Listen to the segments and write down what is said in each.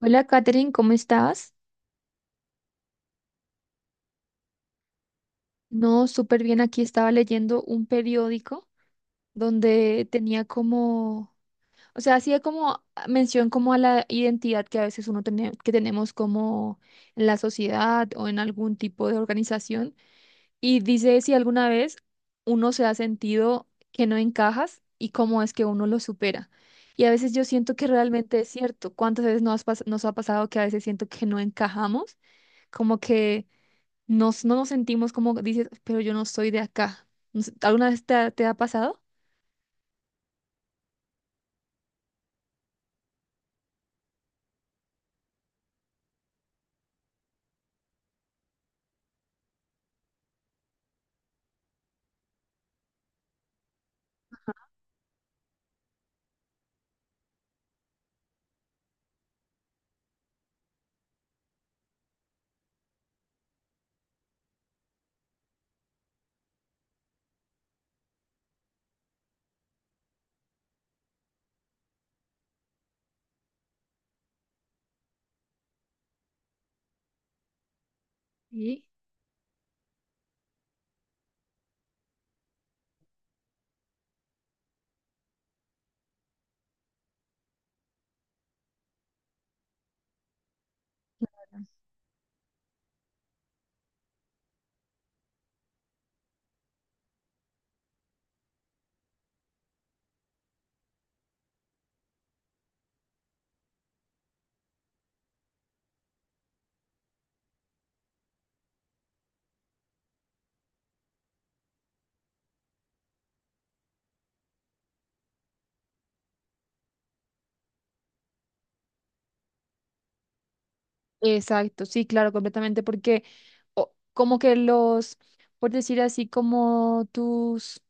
Hola, Katherine, ¿cómo estás? No, súper bien. Aquí estaba leyendo un periódico donde tenía hacía como mención como a la identidad que a veces uno tiene, que tenemos como en la sociedad o en algún tipo de organización. Y dice si alguna vez uno se ha sentido que no encajas y cómo es que uno lo supera. Y a veces yo siento que realmente es cierto. ¿Cuántas veces nos ha pasado que a veces siento que no encajamos? Como que no nos sentimos como dices, pero yo no soy de acá. No sé, ¿alguna vez te ha pasado? Sí. Exacto, sí, claro, completamente, porque como que por decir así, como tus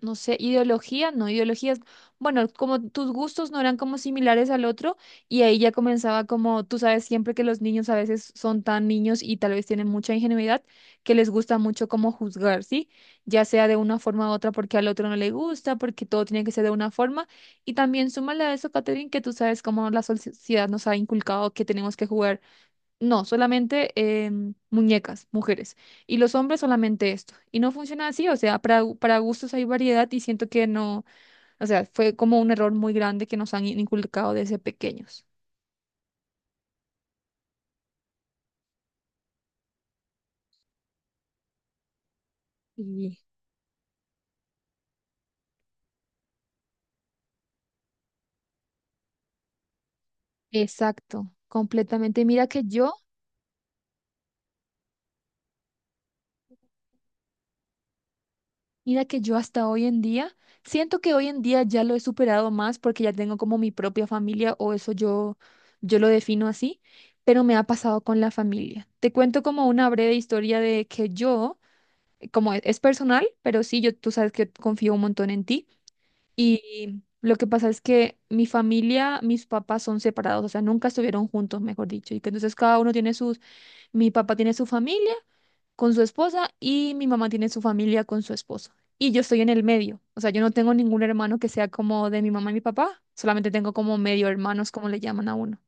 no sé, ideología, no, ideologías, bueno, como tus gustos no eran como similares al otro y ahí ya comenzaba como, tú sabes siempre que los niños a veces son tan niños y tal vez tienen mucha ingenuidad que les gusta mucho como juzgar, ¿sí? Ya sea de una forma u otra porque al otro no le gusta, porque todo tiene que ser de una forma y también súmale a eso, Catherine, que tú sabes cómo la sociedad nos ha inculcado que tenemos que jugar no, solamente muñecas, mujeres. Y los hombres solamente esto. Y no funciona así, o sea, para gustos hay variedad y siento que no, o sea, fue como un error muy grande que nos han inculcado desde pequeños. Sí. Exacto, completamente. Mira que yo hasta hoy en día, siento que hoy en día ya lo he superado más porque ya tengo como mi propia familia o yo lo defino así, pero me ha pasado con la familia. Te cuento como una breve historia de que yo como es personal, pero sí, yo, tú sabes que confío un montón en ti. Y lo que pasa es que mi familia, mis papás son separados, o sea, nunca estuvieron juntos, mejor dicho. Y que entonces cada uno tiene sus, mi papá tiene su familia con su esposa y mi mamá tiene su familia con su esposo. Y yo estoy en el medio, o sea, yo no tengo ningún hermano que sea como de mi mamá y mi papá, solamente tengo como medio hermanos, como le llaman a uno.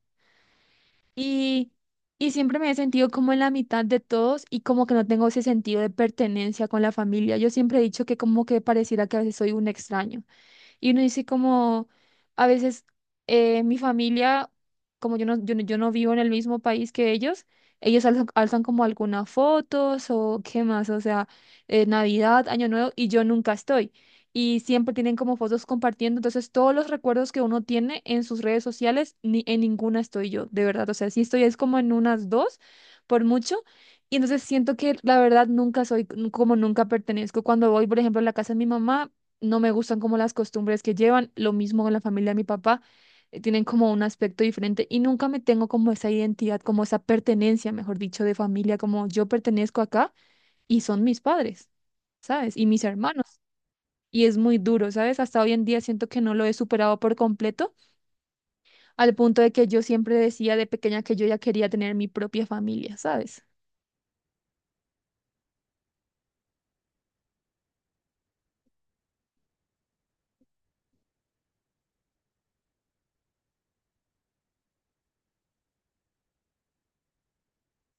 Y, y siempre me he sentido como en la mitad de todos y como que no tengo ese sentido de pertenencia con la familia. Yo siempre he dicho que como que pareciera que a veces soy un extraño. Y uno dice como, a veces mi familia, como yo no vivo en el mismo país que ellos alzan como algunas fotos o qué más, o sea, Navidad, Año Nuevo, y yo nunca estoy. Y siempre tienen como fotos compartiendo, entonces todos los recuerdos que uno tiene en sus redes sociales, ni en ninguna estoy yo, de verdad. O sea, sí estoy es como en unas dos, por mucho. Y entonces siento que la verdad nunca soy, como nunca pertenezco. Cuando voy, por ejemplo, a la casa de mi mamá, no me gustan como las costumbres que llevan, lo mismo con la familia de mi papá, tienen como un aspecto diferente y nunca me tengo como esa identidad, como esa pertenencia, mejor dicho, de familia, como yo pertenezco acá y son mis padres, ¿sabes? Y mis hermanos. Y es muy duro, ¿sabes? Hasta hoy en día siento que no lo he superado por completo, al punto de que yo siempre decía de pequeña que yo ya quería tener mi propia familia, ¿sabes?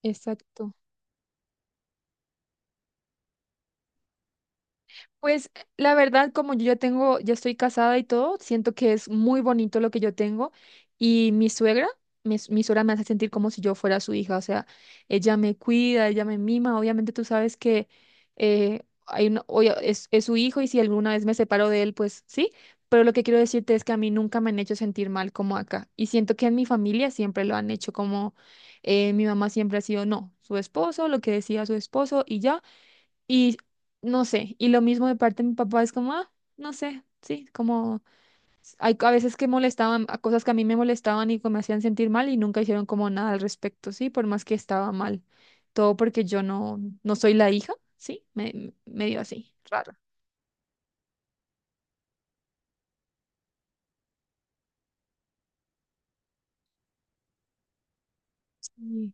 Exacto. Pues la verdad, como yo ya tengo, ya estoy casada y todo, siento que es muy bonito lo que yo tengo. Y mi suegra, mi suegra me hace sentir como si yo fuera su hija, o sea, ella me cuida, ella me mima. Obviamente tú sabes que hay una- oye, es su hijo y si alguna vez me separo de él, pues sí. Pero lo que quiero decirte es que a mí nunca me han hecho sentir mal como acá. Y siento que en mi familia siempre lo han hecho como mi mamá siempre ha sido, no, su esposo, lo que decía su esposo y ya. Y no sé, y lo mismo de parte de mi papá es como, ah, no sé, sí, como hay a veces que molestaban a cosas que a mí me molestaban y que me hacían sentir mal y nunca hicieron como nada al respecto, sí, por más que estaba mal. Todo porque yo no, no soy la hija, sí, me dio así, raro. Sí,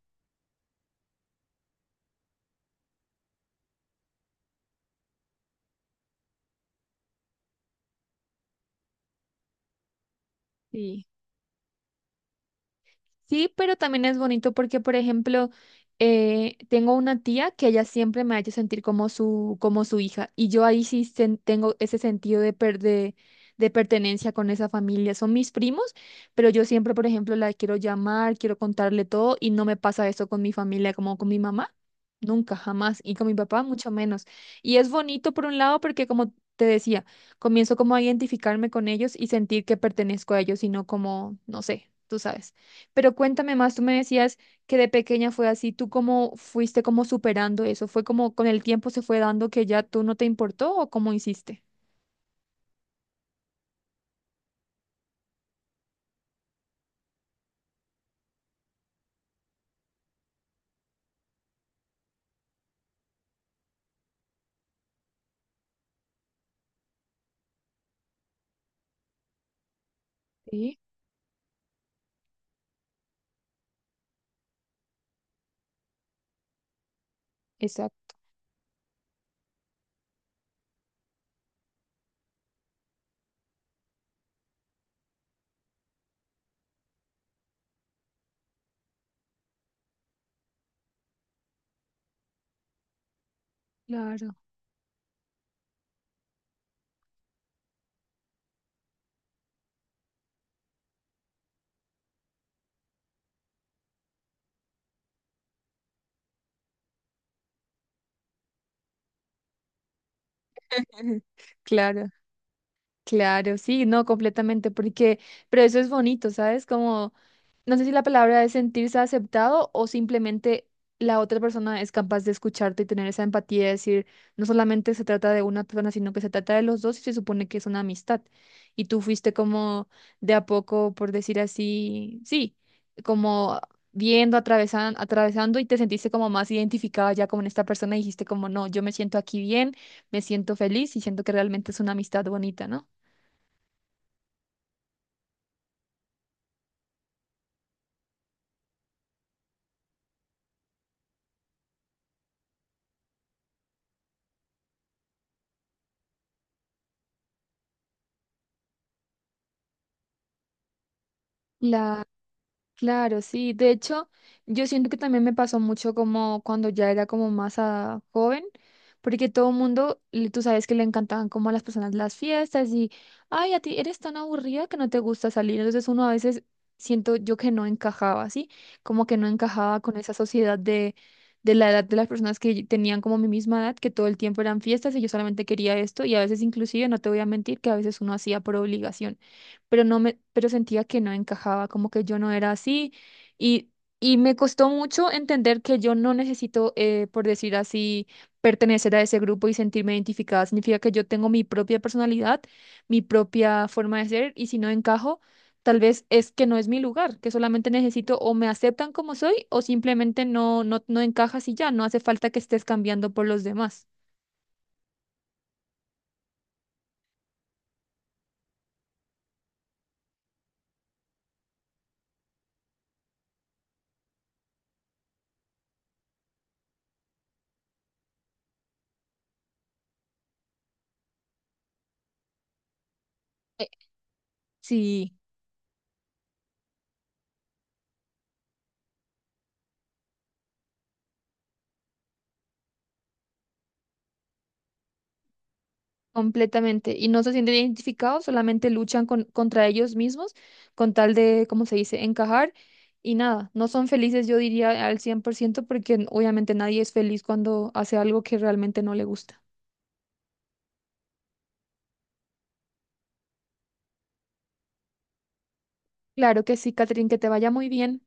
sí. Sí, pero también es bonito porque, por ejemplo, tengo una tía que ella siempre me ha hecho sentir como como su hija y yo ahí tengo ese sentido de pertenencia con esa familia. Son mis primos, pero yo siempre, por ejemplo, la quiero llamar, quiero contarle todo y no me pasa eso con mi familia como con mi mamá. Nunca, jamás. Y con mi papá, mucho menos. Y es bonito por un lado porque, como te decía, comienzo como a identificarme con ellos y sentir que pertenezco a ellos y no como, no sé, tú sabes. Pero cuéntame más, tú me decías que de pequeña fue así, ¿tú cómo fuiste como superando eso? ¿Fue como con el tiempo se fue dando que ya tú no te importó o cómo hiciste? Sí, exacto. Claro, claro. Claro, sí, no, completamente, porque, pero eso es bonito, ¿sabes? Como, no sé si la palabra es sentirse aceptado o simplemente la otra persona es capaz de escucharte y tener esa empatía de decir, no solamente se trata de una persona, sino que se trata de los dos y se supone que es una amistad. Y tú fuiste como de a poco, por decir así, sí, como viendo, atravesando y te sentiste como más identificada ya con esta persona y dijiste como, no, yo me siento aquí bien, me siento feliz y siento que realmente es una amistad bonita, ¿no? La, claro, sí. De hecho, yo siento que también me pasó mucho como cuando ya era como más joven, porque todo el mundo, tú sabes que le encantaban como a las personas las fiestas y, ay, a ti eres tan aburrida que no te gusta salir. Entonces uno a veces siento yo que no encajaba, ¿sí? Como que no encajaba con esa sociedad de la edad de las personas que tenían como mi misma edad, que todo el tiempo eran fiestas y yo solamente quería esto y a veces inclusive, no te voy a mentir, que a veces uno hacía por obligación pero no me, pero sentía que no encajaba, como que yo no era así y, y me costó mucho entender que yo no necesito, por decir así, pertenecer a ese grupo y sentirme identificada. Significa que yo tengo mi propia personalidad, mi propia forma de ser y si no encajo, tal vez es que no es mi lugar, que solamente necesito o me aceptan como soy o simplemente no encajas y ya, no hace falta que estés cambiando por los demás. Eh, Sí. Completamente. Y no se sienten identificados, solamente luchan contra ellos mismos con tal de, ¿cómo se dice?, encajar. Y nada, no son felices, yo diría, al 100% porque obviamente nadie es feliz cuando hace algo que realmente no le gusta. Claro que sí, Catherine, que te vaya muy bien.